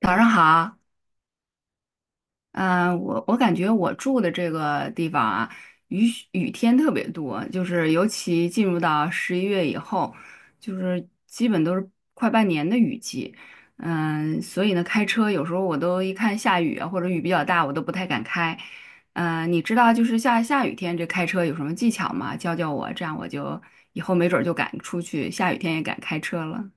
早上好，我感觉我住的这个地方啊，雨雨天特别多，就是尤其进入到11月以后，就是基本都是快半年的雨季，所以呢，开车有时候我都一看下雨啊，或者雨比较大，我都不太敢开。嗯，你知道就是下雨天这开车有什么技巧吗？教教我，这样我就以后没准儿就敢出去，下雨天也敢开车了。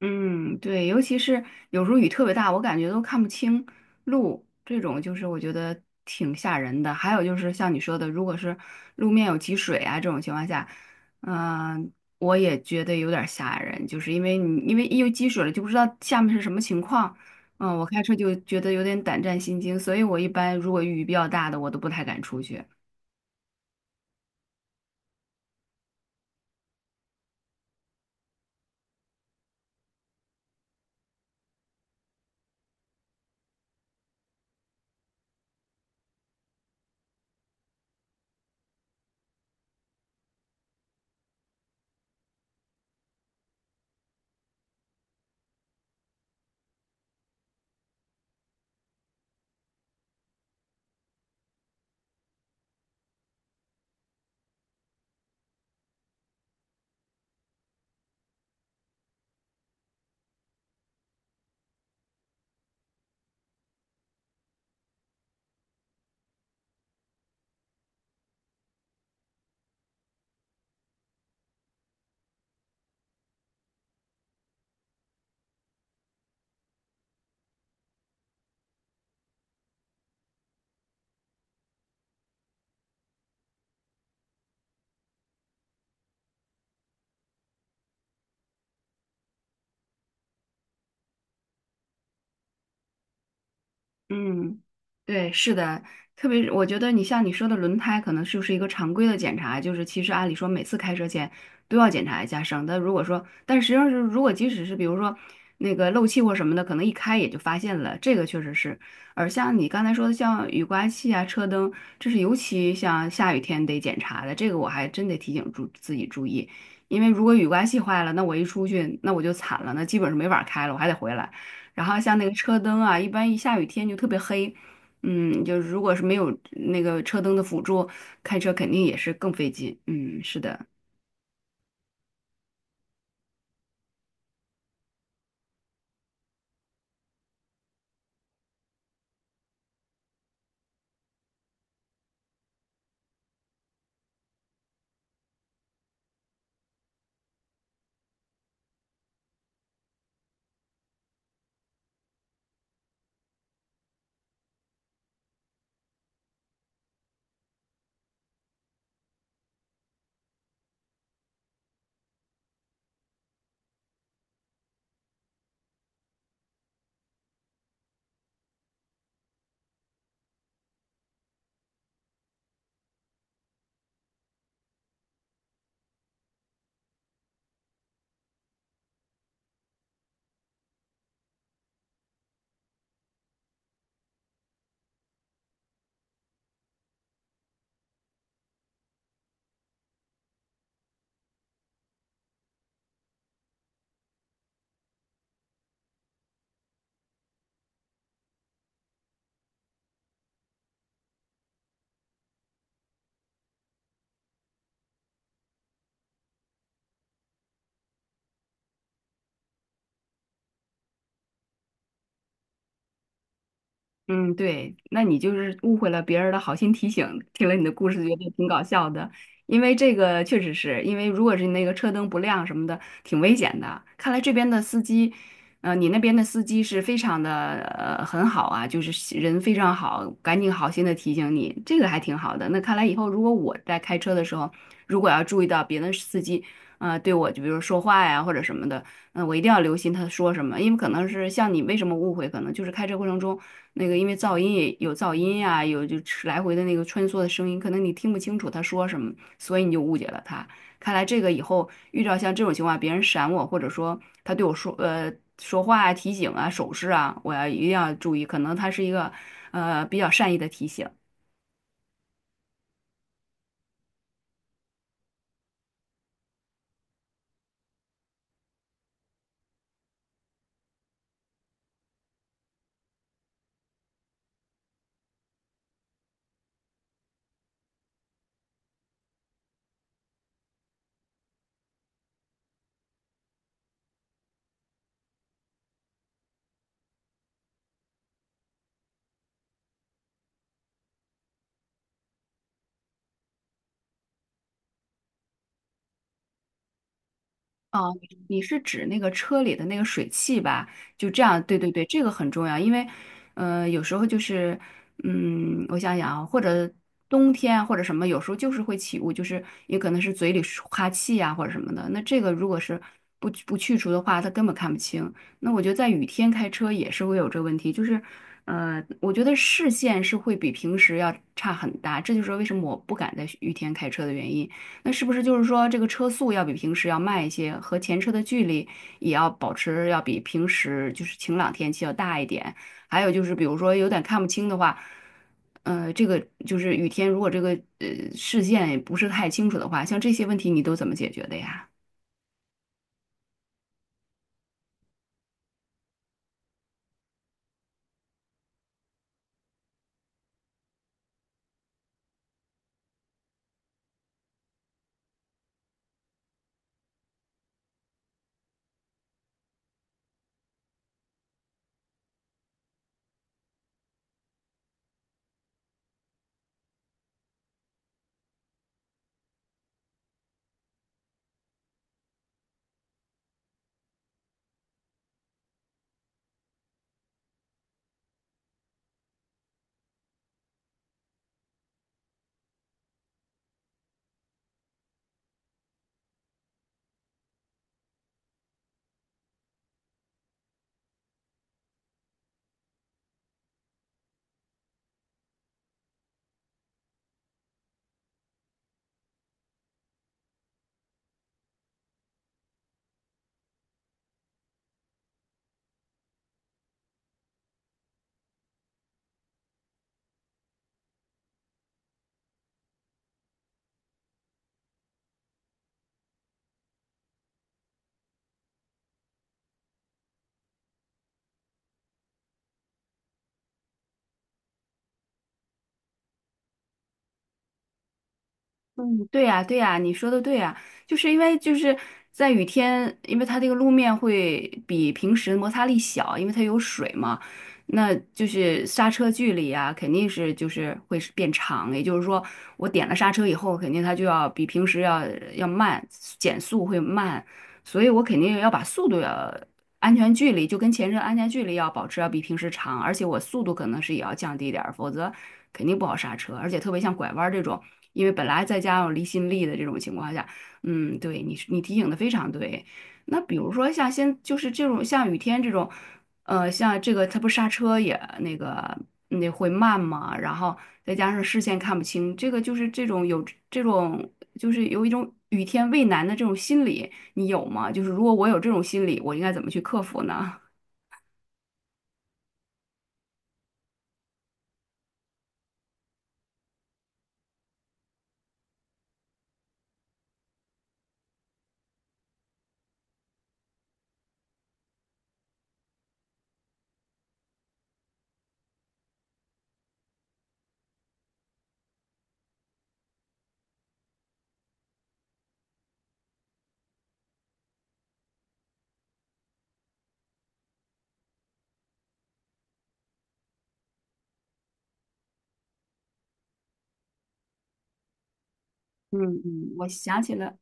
嗯，对，尤其是有时候雨特别大，我感觉都看不清路，这种就是我觉得挺吓人的。还有就是像你说的，如果是路面有积水啊这种情况下，嗯、我也觉得有点吓人，就是因为一有积水了就不知道下面是什么情况，我开车就觉得有点胆战心惊，所以我一般如果雨比较大的我都不太敢出去。嗯，对，是的，特别是我觉得你像你说的轮胎，可能就是一个常规的检查，就是其实按理说每次开车前都要检查一下，省得如果说，但实际上是如果即使是比如说那个漏气或什么的，可能一开也就发现了，这个确实是。而像你刚才说的，像雨刮器啊、车灯，这是尤其像下雨天得检查的，这个我还真得提醒自己注意，因为如果雨刮器坏了，那我一出去那我就惨了，那基本是没法开了，我还得回来。然后像那个车灯啊，一般一下雨天就特别黑，嗯，就是如果是没有那个车灯的辅助，开车肯定也是更费劲。嗯，是的。嗯，对，那你就是误会了别人的好心提醒，听了你的故事觉得挺搞笑的，因为这个确实是因为如果是那个车灯不亮什么的，挺危险的。看来这边的司机，你那边的司机是非常的很好啊，就是人非常好，赶紧好心的提醒你，这个还挺好的。那看来以后如果我在开车的时候，如果要注意到别的司机，对我就比如说话呀或者什么的。嗯，我一定要留心他说什么，因为可能是像你为什么误会，可能就是开车过程中那个因为噪音呀、有就是来回的那个穿梭的声音，可能你听不清楚他说什么，所以你就误解了他。看来这个以后遇到像这种情况，别人闪我，或者说他对我说说话啊、提醒啊、手势啊，一定要注意，可能他是一个比较善意的提醒。哦，你是指那个车里的那个水汽吧？就这样，对对对，这个很重要，因为，有时候就是，嗯，我想想啊，或者冬天或者什么，有时候就是会起雾，就是也可能是嘴里是哈气呀、或者什么的。那这个如果是不去除的话，它根本看不清。那我觉得在雨天开车也是会有这个问题，就是，我觉得视线是会比平时要差很大，这就是为什么我不敢在雨天开车的原因。那是不是就是说，这个车速要比平时要慢一些，和前车的距离也要保持要比平时就是晴朗天气要大一点？还有就是，比如说有点看不清的话，这个就是雨天，如果这个呃视线也不是太清楚的话，像这些问题你都怎么解决的呀？嗯，对呀，对呀，你说的对呀，就是因为就是在雨天，因为它这个路面会比平时摩擦力小，因为它有水嘛，那就是刹车距离啊，肯定是就是会是变长，也就是说，我点了刹车以后，肯定它就要比平时要慢，减速会慢，所以我肯定要把速度要安全距离就跟前车安全距离要保持要比平时长，而且我速度可能是也要降低点儿，否则肯定不好刹车。而且特别像拐弯儿这种，因为本来再加上离心力的这种情况下，嗯，对你提醒的非常对。那比如说就是这种像雨天这种，像这个它不刹车也那个那会慢嘛，然后再加上视线看不清，这个就是这种有这种就是有一种雨天畏难的这种心理。你有吗？就是如果我有这种心理，我应该怎么去克服呢？嗯嗯，我想起了，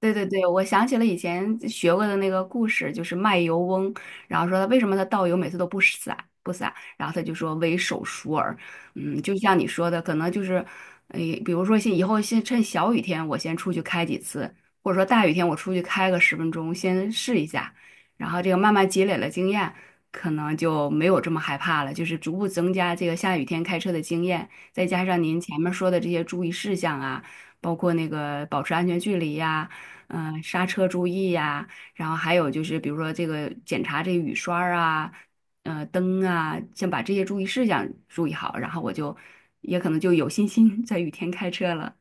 对对对，我想起了以前学过的那个故事，就是卖油翁，然后说他为什么他倒油每次都不洒，然后他就说为手熟耳，嗯，就像你说的，可能就是，哎，比如说以后先趁小雨天我先出去开几次，或者说大雨天我出去开个10分钟先试一下，然后这个慢慢积累了经验，可能就没有这么害怕了，就是逐步增加这个下雨天开车的经验，再加上您前面说的这些注意事项啊，包括那个保持安全距离呀。刹车注意呀、然后还有就是比如说这个检查这个雨刷儿啊，灯啊，先把这些注意事项注意好，然后我就也可能就有信心 在雨天开车了。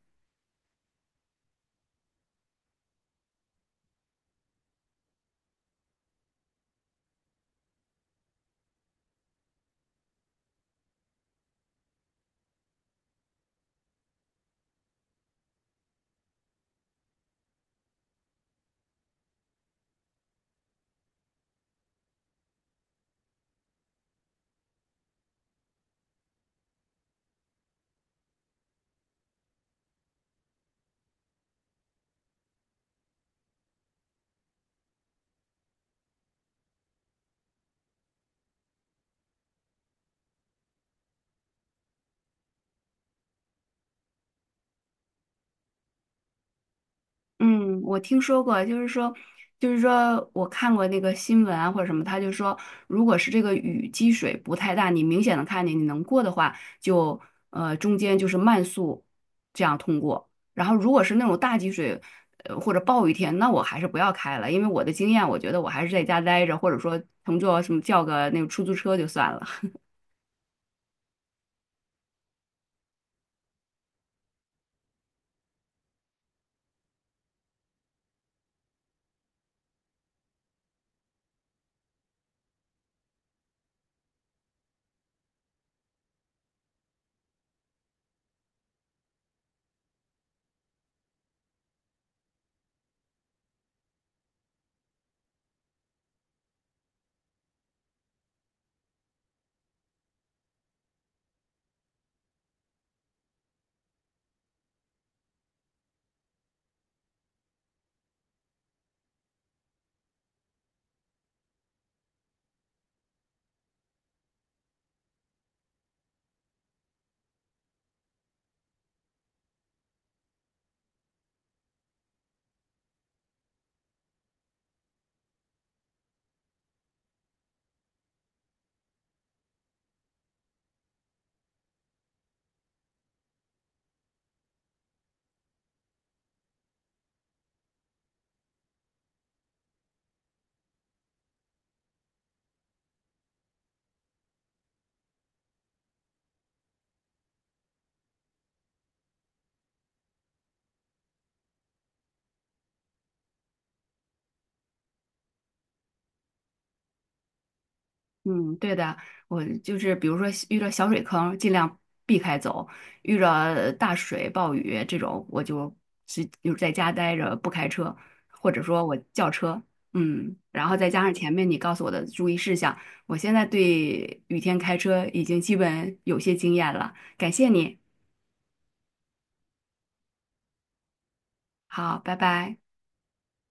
嗯，我听说过，就是说，就是说我看过那个新闻啊或者什么，他就说，如果是这个雨积水不太大，你明显的看见你能过的话，就中间就是慢速这样通过。然后如果是那种大积水，或者暴雨天，那我还是不要开了，因为我的经验，我觉得我还是在家待着，或者说乘坐什么叫个那个出租车就算了。嗯，对的，我就是比如说遇到小水坑，尽量避开走；遇到大水、暴雨这种，我就在家待着，不开车，或者说我叫车。嗯，然后再加上前面你告诉我的注意事项，我现在对雨天开车已经基本有些经验了。感谢你，好，拜拜。